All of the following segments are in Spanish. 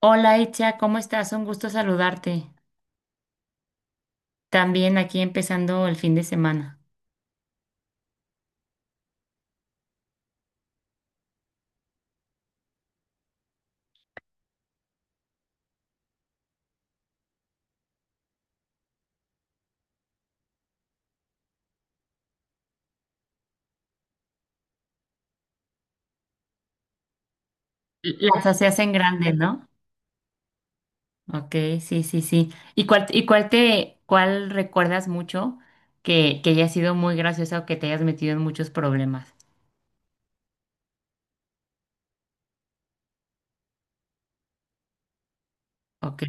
Hola Echa, ¿cómo estás? Un gusto saludarte. También aquí empezando el fin de semana. Las hacías en grande, ¿no? Ok, sí, sí, sí. Y cuál te, cuál recuerdas mucho que haya sido muy graciosa o que te hayas metido en muchos problemas? Ok,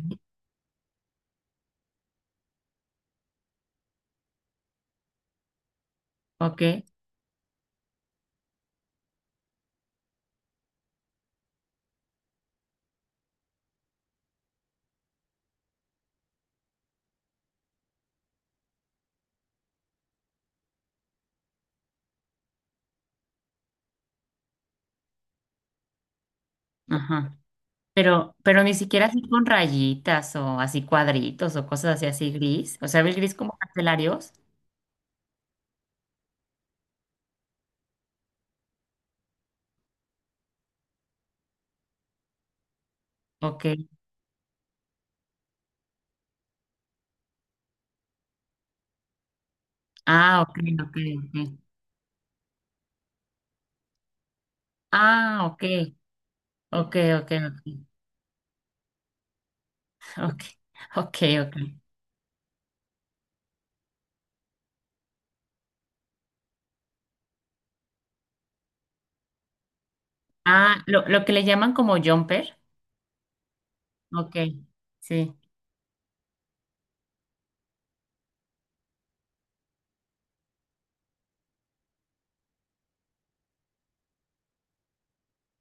ok, ajá. Pero ni siquiera así con rayitas o así cuadritos o cosas así, así gris. O sea, ¿el gris como carcelarios? Ok. Ah, ok, ok, ok. Ah, ok, ok, ok. Ok. Ok, ok, ok. Ah, lo que le llaman como jumper. Ok, sí,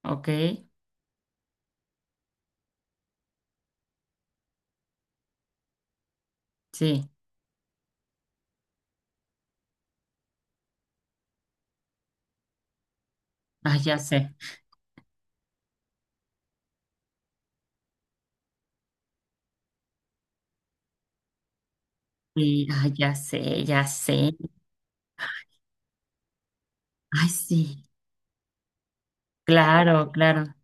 ok, sí. Ah, ya sé. Sí, ah, ya sé, ya sé. Ay, sí, claro, claro.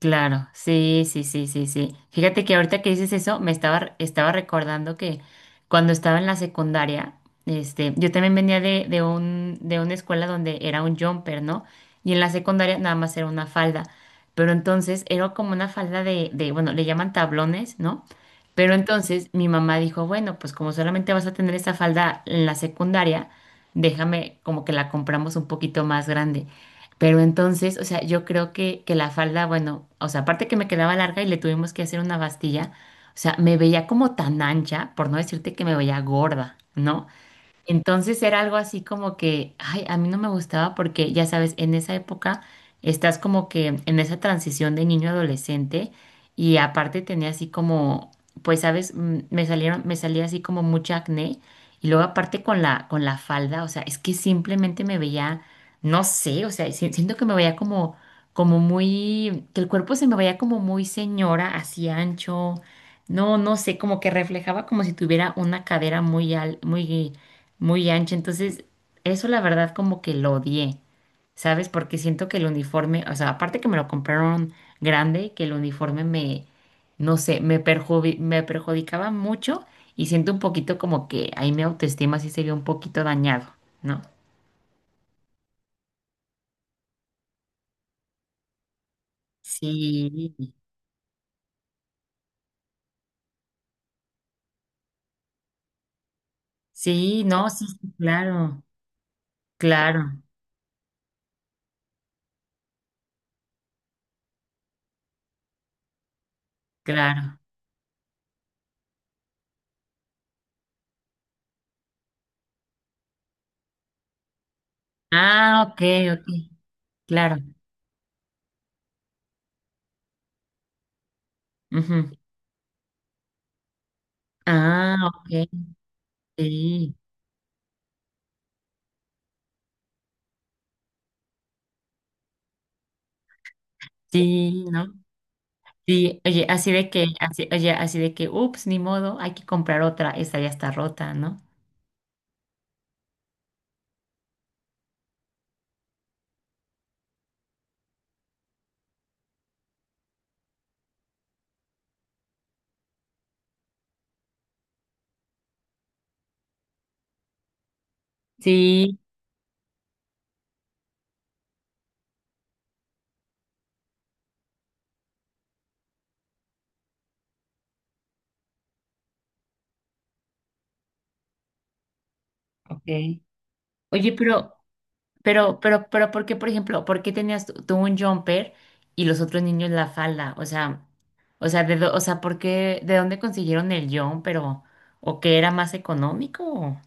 Claro, sí, sí, sí, sí, sí. Fíjate que ahorita que dices eso, estaba recordando que cuando estaba en la secundaria, este, yo también venía de una escuela donde era un jumper, ¿no? Y en la secundaria nada más era una falda. Pero entonces era como una falda bueno, le llaman tablones, ¿no? Pero entonces mi mamá dijo, bueno, pues como solamente vas a tener esa falda en la secundaria, déjame como que la compramos un poquito más grande. Pero entonces, o sea, yo creo que la falda, bueno, o sea, aparte que me quedaba larga y le tuvimos que hacer una bastilla, o sea, me veía como tan ancha, por no decirte que me veía gorda, ¿no? Entonces era algo así como que, ay, a mí no me gustaba porque, ya sabes, en esa época estás como que en esa transición de niño a adolescente y aparte tenía así como, pues, sabes, me salía así como mucha acné y luego aparte con la falda, o sea, es que simplemente me veía, no sé, o sea, siento que me veía como, como muy, que el cuerpo se me veía como muy señora, así ancho, no, no sé, como que reflejaba como si tuviera una cadera muy ancha. Entonces, eso la verdad como que lo odié, ¿sabes? Porque siento que el uniforme, o sea, aparte que me lo compraron grande, que el uniforme me, no sé, me perjudicaba mucho y siento un poquito como que ahí mi autoestima sí se vio un poquito dañado, ¿no? Sí, sí, no, sí, sí, claro, claro, claro. Ah, ok, ok, claro. Ujú. Ah, ok, sí, sí, no. Sí, oye, así de que, así, oye, así de que, ups, ni modo, hay que comprar otra, esta ya está rota, ¿no? Sí, ok. Oye, ¿por qué, por ejemplo, por qué tenías tú un jumper y los otros niños la falda? O sea, o sea, o sea, ¿por qué, de dónde consiguieron el jumper o que era más económico? O?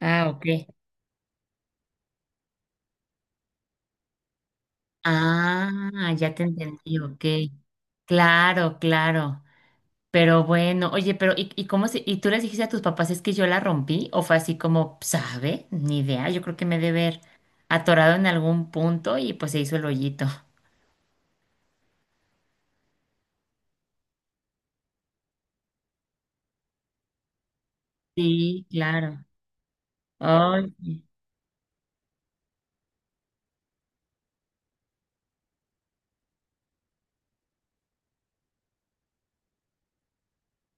Ah, ok. Ah, ya te entendí, ok. Claro, claro. Pero bueno, oye, pero ¿ y cómo se, y tú les dijiste a tus papás es que yo la rompí? ¿O fue así como, sabe? Ni idea, yo creo que me debe haber atorado en algún punto y pues se hizo el hoyito. Sí, claro. Oye,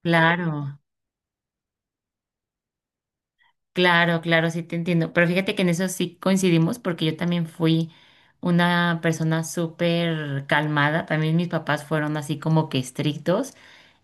claro. Claro, claro, sí te entiendo. Pero fíjate que en eso sí coincidimos porque yo también fui una persona súper calmada. También mis papás fueron así como que estrictos.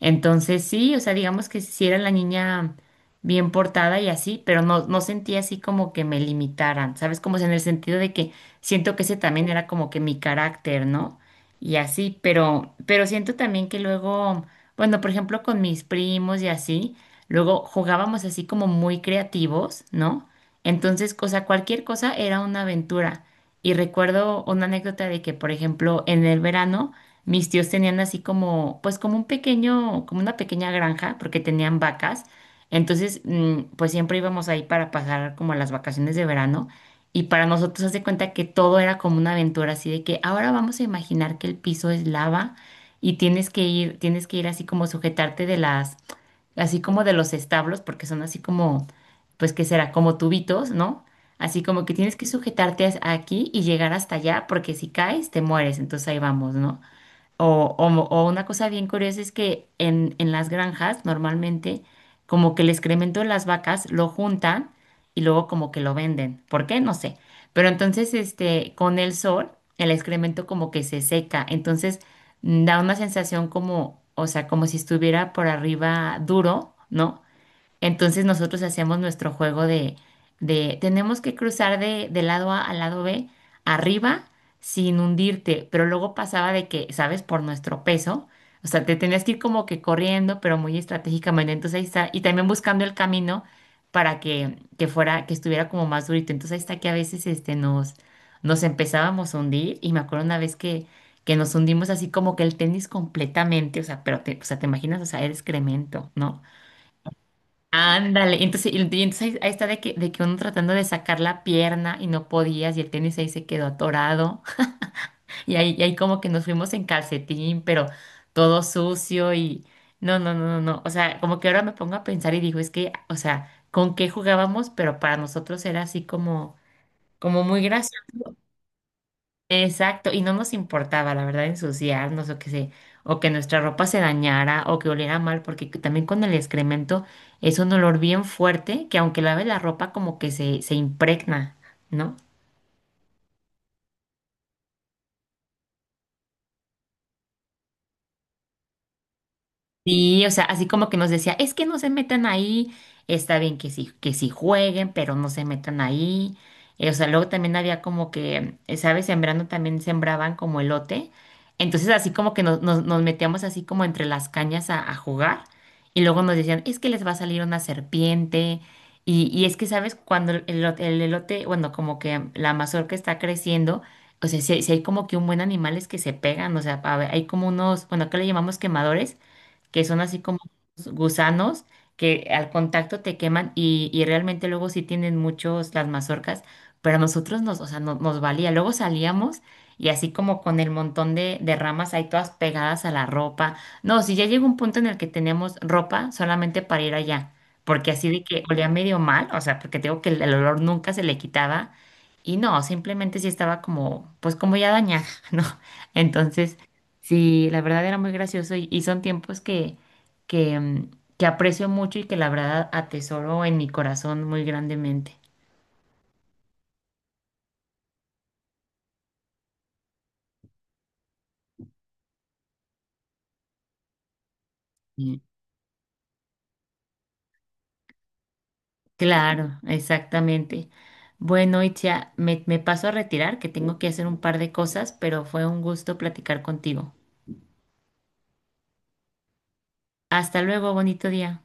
Entonces sí, o sea, digamos que sí era la niña bien portada y así, pero no, no sentía así como que me limitaran, ¿sabes? Como si en el sentido de que siento que ese también era como que mi carácter, ¿no? Y así, pero siento también que luego, bueno, por ejemplo, con mis primos y así. Luego jugábamos así como muy creativos, ¿no? Entonces, cosa, cualquier cosa era una aventura. Y recuerdo una anécdota de que, por ejemplo, en el verano mis tíos tenían así como, pues como un pequeño, como una pequeña granja, porque tenían vacas. Entonces, pues siempre íbamos ahí para pasar como las vacaciones de verano. Y para nosotros, haz de cuenta que todo era como una aventura, así de que ahora vamos a imaginar que el piso es lava y tienes que ir así como sujetarte de las así como de los establos, porque son así como, pues, ¿qué será? Como tubitos, ¿no? Así como que tienes que sujetarte aquí y llegar hasta allá, porque si caes, te mueres. Entonces ahí vamos, ¿no? O, o una cosa bien curiosa es que en las granjas normalmente como que el excremento de las vacas lo juntan y luego como que lo venden. ¿Por qué? No sé. Pero entonces este, con el sol el excremento como que se seca. Entonces mm, da una sensación como, o sea, como si estuviera por arriba duro, ¿no? Entonces nosotros hacemos nuestro juego de tenemos que cruzar de lado A al lado B arriba sin hundirte, pero luego pasaba de que, ¿sabes? Por nuestro peso, o sea, te tenías que ir como que corriendo, pero muy estratégicamente, entonces ahí está, y también buscando el camino para que fuera, que estuviera como más durito, entonces ahí está que a veces este, nos empezábamos a hundir, y me acuerdo una vez que nos hundimos así como que el tenis completamente, o sea, pero te, o sea, te imaginas, o sea, era excremento, ¿no? Ándale, y entonces ahí, ahí está de que uno tratando de sacar la pierna y no podías y el tenis ahí se quedó atorado y ahí como que nos fuimos en calcetín, pero todo sucio y no, no, no, no, no, o sea, como que ahora me pongo a pensar y digo, es que, o sea, ¿con qué jugábamos? Pero para nosotros era así como, como muy gracioso. Exacto, y no nos importaba, la verdad, ensuciarnos o que se, o que nuestra ropa se dañara o que oliera mal, porque también con el excremento es un olor bien fuerte que aunque laves la ropa como que se impregna, ¿no? Sí, o sea, así como que nos decía, es que no se metan ahí, está bien que sí jueguen, pero no se metan ahí. O sea, luego también había como que, ¿sabes? Sembrando también sembraban como elote. Entonces así como que nos metíamos así como entre las cañas a jugar y luego nos decían, es que les va a salir una serpiente. Y es que, ¿sabes? Cuando el, el elote, bueno, como que la mazorca está creciendo, o sea, si, hay si hay como que un buen animales que se pegan, o sea, a ver, hay como unos, bueno, acá le llamamos quemadores que son así como gusanos que al contacto te queman y realmente luego sí tienen muchos las mazorcas, pero a nosotros nos, o sea, nos valía. Luego salíamos y así como con el montón de ramas ahí todas pegadas a la ropa. No, si ya llegó un punto en el que teníamos ropa solamente para ir allá, porque así de que olía medio mal, o sea, porque te digo que el olor nunca se le quitaba. Y no, simplemente sí estaba como, pues como ya dañada, ¿no? Entonces, sí, la verdad era muy gracioso y son tiempos que, mm, que aprecio mucho y que la verdad atesoro en mi corazón muy grandemente. Y claro, exactamente. Bueno, Itzia, me paso a retirar, que tengo que hacer un par de cosas, pero fue un gusto platicar contigo. Hasta luego, bonito día.